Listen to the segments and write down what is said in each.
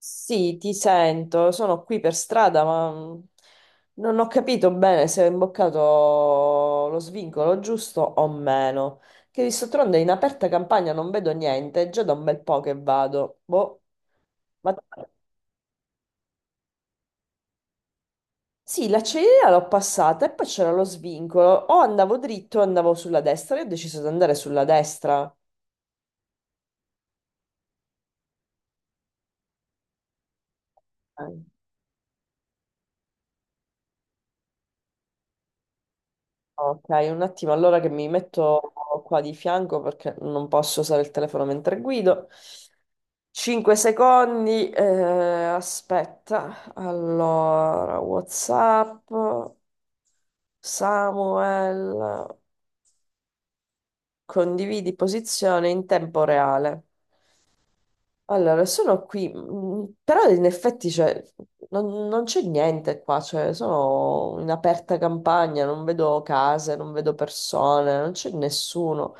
Sì, ti sento, sono qui per strada, ma non ho capito bene se ho imboccato lo svincolo giusto o meno. Che visto tronde in aperta campagna non vedo niente, è già da un bel po' che vado. Boh, ma... Sì, l'acciaieria l'ho passata e poi c'era lo svincolo. O andavo dritto o andavo sulla destra, io ho deciso di andare sulla destra. Eh, Ok, un attimo, allora che mi metto qua di fianco perché non posso usare il telefono mentre guido. 5 secondi, aspetta. Allora, WhatsApp, Samuel, condividi posizione in tempo reale. Allora, sono qui, però in effetti cioè, non c'è niente qua, cioè, sono in aperta campagna, non vedo case, non vedo persone, non c'è nessuno.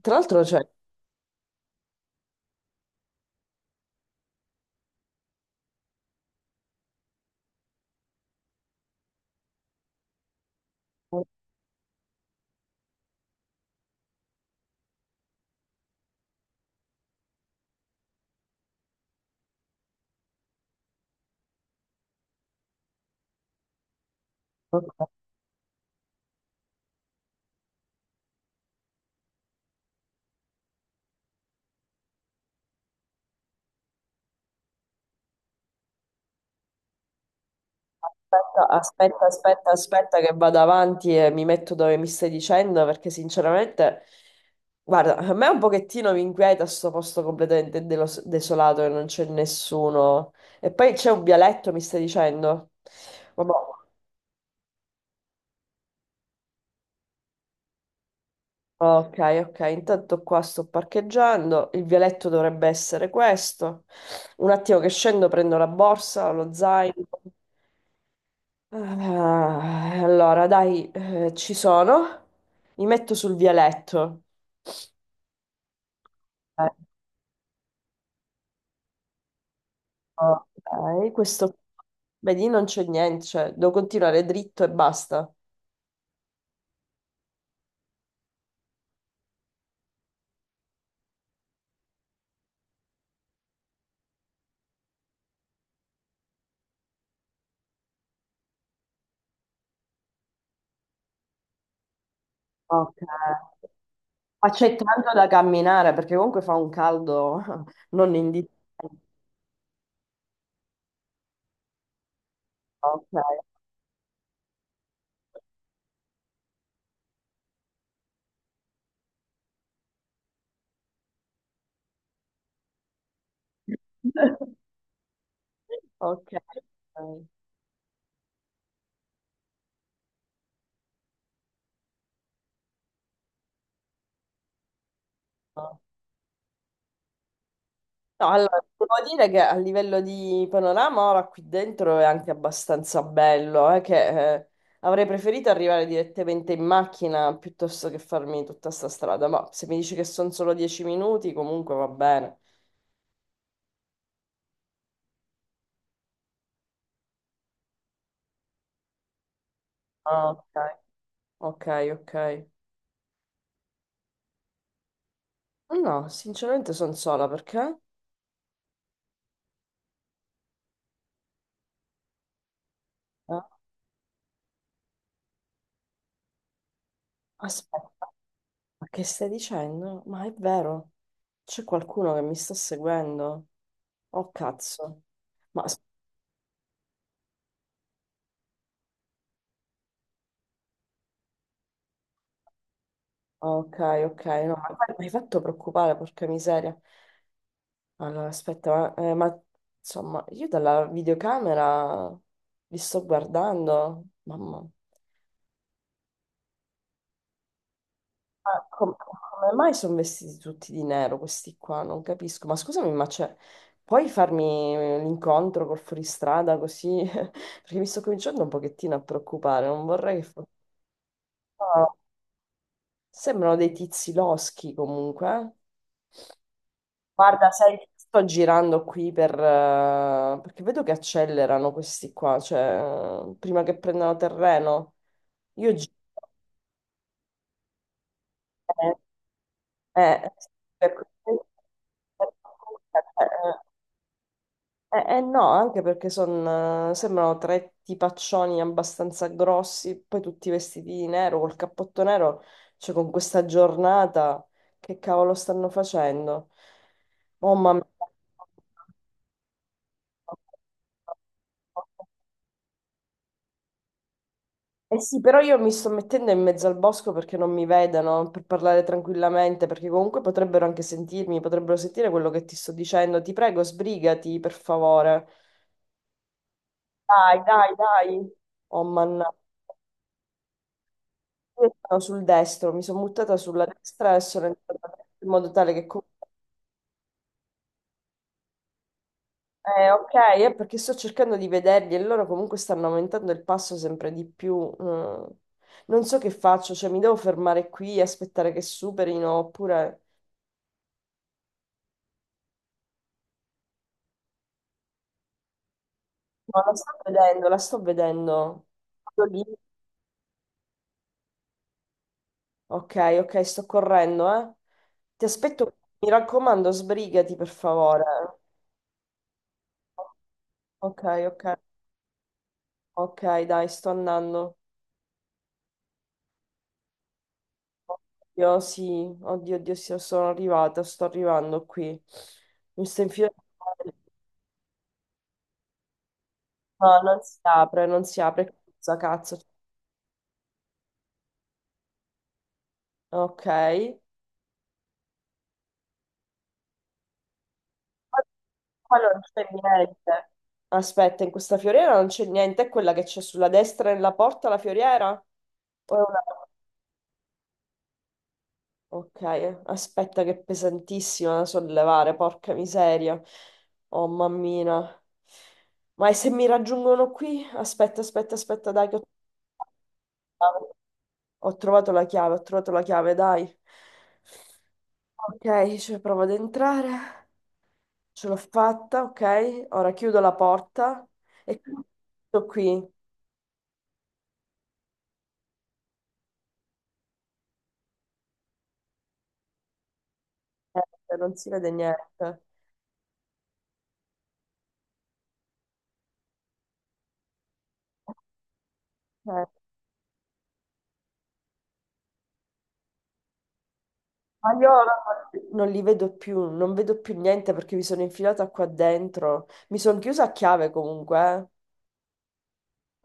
Tra l'altro, cioè, aspetta, aspetta, aspetta, aspetta che vado avanti e mi metto dove mi stai dicendo perché sinceramente, guarda, a me un pochettino mi inquieta sto posto completamente desolato e non c'è nessuno. E poi c'è un vialetto, mi stai dicendo? Vabbè. Ok, ok, intanto qua sto parcheggiando, il vialetto dovrebbe essere questo. Un attimo che scendo, prendo la borsa, lo zaino. Ah, allora, dai, ci sono. Mi metto sul vialetto. Ecco, ok, questo... Vedi, non c'è niente, cioè, devo continuare dritto e basta. Ok. Accettando da camminare, perché comunque fa un caldo non indifferente. Ok. Ok. Ok. No, allora, devo dire che a livello di panorama ora qui dentro è anche abbastanza bello, che avrei preferito arrivare direttamente in macchina piuttosto che farmi tutta sta strada, ma se mi dici che sono solo 10 minuti comunque va bene. Ah, ok, ok, ok. No, sinceramente sono sola perché? Ah, aspetta, ma che stai dicendo? Ma è vero, c'è qualcuno che mi sta seguendo? Oh cazzo. Ma ok, ok, no, ma guarda, mi hai fatto preoccupare, porca miseria. Allora, aspetta, insomma, io dalla videocamera vi sto guardando, mamma. Ma come mai sono vestiti tutti di nero questi qua? Non capisco. Ma scusami, ma c'è... Puoi farmi l'incontro col fuoristrada così? Perché mi sto cominciando un pochettino a preoccupare, non vorrei che... fosse- Sembrano dei tizi loschi comunque, eh. Guarda, sai, sto girando qui per... perché vedo che accelerano questi qua, cioè, prima che prendano terreno. Io giro... Eh, eh, per... eh, eh, no, anche perché sembrano tre tipaccioni abbastanza grossi, poi tutti vestiti di nero, col cappotto nero, cioè con questa giornata, che cavolo stanno facendo? Oh mamma mia. Eh sì, però io mi sto mettendo in mezzo al bosco perché non mi vedano, per parlare tranquillamente, perché comunque potrebbero anche sentirmi, potrebbero sentire quello che ti sto dicendo. Ti prego, sbrigati, per favore. Dai, dai, dai. Oh, mannaggia. Io sono sul destro, mi sono buttata sulla destra e sono entrata in modo tale che... com- ok, è perché sto cercando di vederli e loro comunque stanno aumentando il passo sempre di più. mm. Non so che faccio, cioè mi devo fermare qui e aspettare che superino oppure... No, la sto vedendo, la sto vedendo. Vado lì. Ok, ok, sto correndo, eh. Ti aspetto, mi raccomando, sbrigati per favore. Ok, ok, ok, dai, sto andando. Oddio, sì, oddio, oddio, sì, sono arrivata, sto arrivando qui. Mi sto infilando. No, non si apre, non si apre. Cazzo, cazzo. Ok. Qua non c'è niente. Aspetta, in questa fioriera non c'è niente, è quella che c'è sulla destra nella porta, la fioriera? O è una- Ok, aspetta che è pesantissima da sollevare, porca miseria. Oh mammina. Ma e se mi raggiungono qui? Aspetta, aspetta, aspetta, dai, che ho trovato la chiave, ho trovato la chiave, dai. Ok, cioè provo ad entrare. Ce l'ho fatta, ok. Ora chiudo la porta e sto qui. Niente, non si vede niente. Ok. Ma io ora non li vedo più, non vedo più niente perché mi sono infilata qua dentro. Mi sono chiusa a chiave comunque,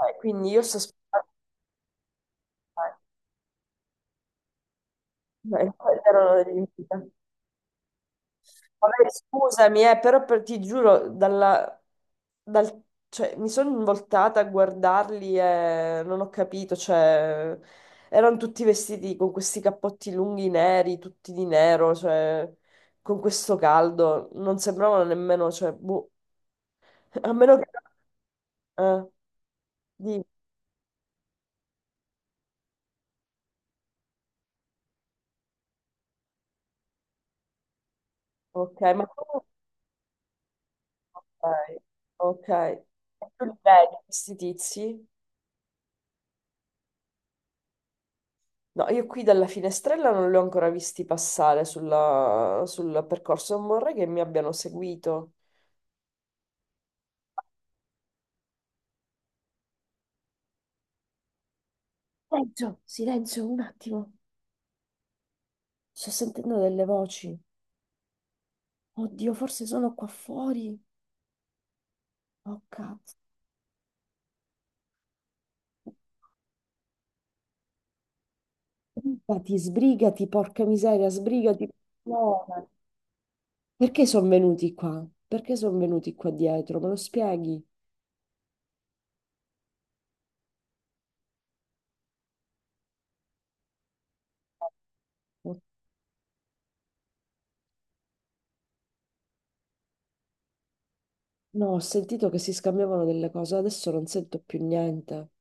quindi io sto aspettando. eh, Erano degli infilati. Vabbè, scusami, però ti giuro, dal- cioè, mi sono voltata a guardarli e non ho capito, cioè, erano tutti vestiti con questi cappotti lunghi neri, tutti di nero, cioè, con questo caldo, non sembravano nemmeno, cioè, boh, a meno che... no, di- Ok, ma tu... Ok, ok. E tu li vedi questi tizi? No, io qui dalla finestrella non li ho ancora visti passare sul percorso, non vorrei che mi abbiano seguito. Silenzio, silenzio, un attimo. Sto sentendo delle voci. Oddio, forse sono qua fuori. Oh cazzo. Sbrigati, sbrigati, porca miseria, sbrigati. No, ma- Perché sono venuti qua? Perché sono venuti qua dietro? Me lo spieghi? No, ho sentito che si scambiavano delle cose, adesso non sento più niente.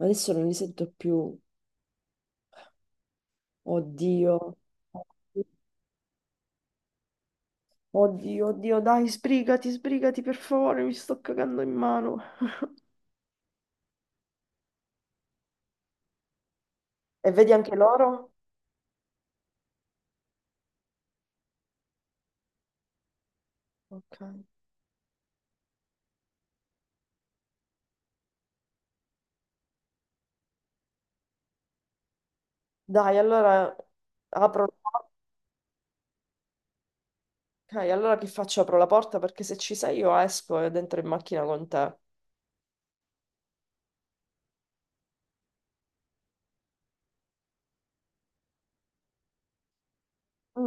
Adesso non li sento più. Oddio. Oddio, oddio, dai, sbrigati, sbrigati per favore, mi sto cagando in mano. E vedi anche loro? Ok. Dai, allora apro la porta. Ok, allora che faccio? Apro la porta perché se ci sei io esco ed entro in macchina con te.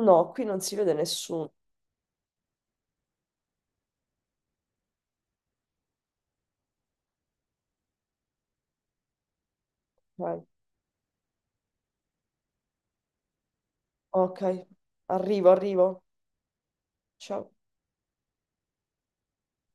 No, qui non si vede nessuno. Ok, ok, arrivo, arrivo. Ciao.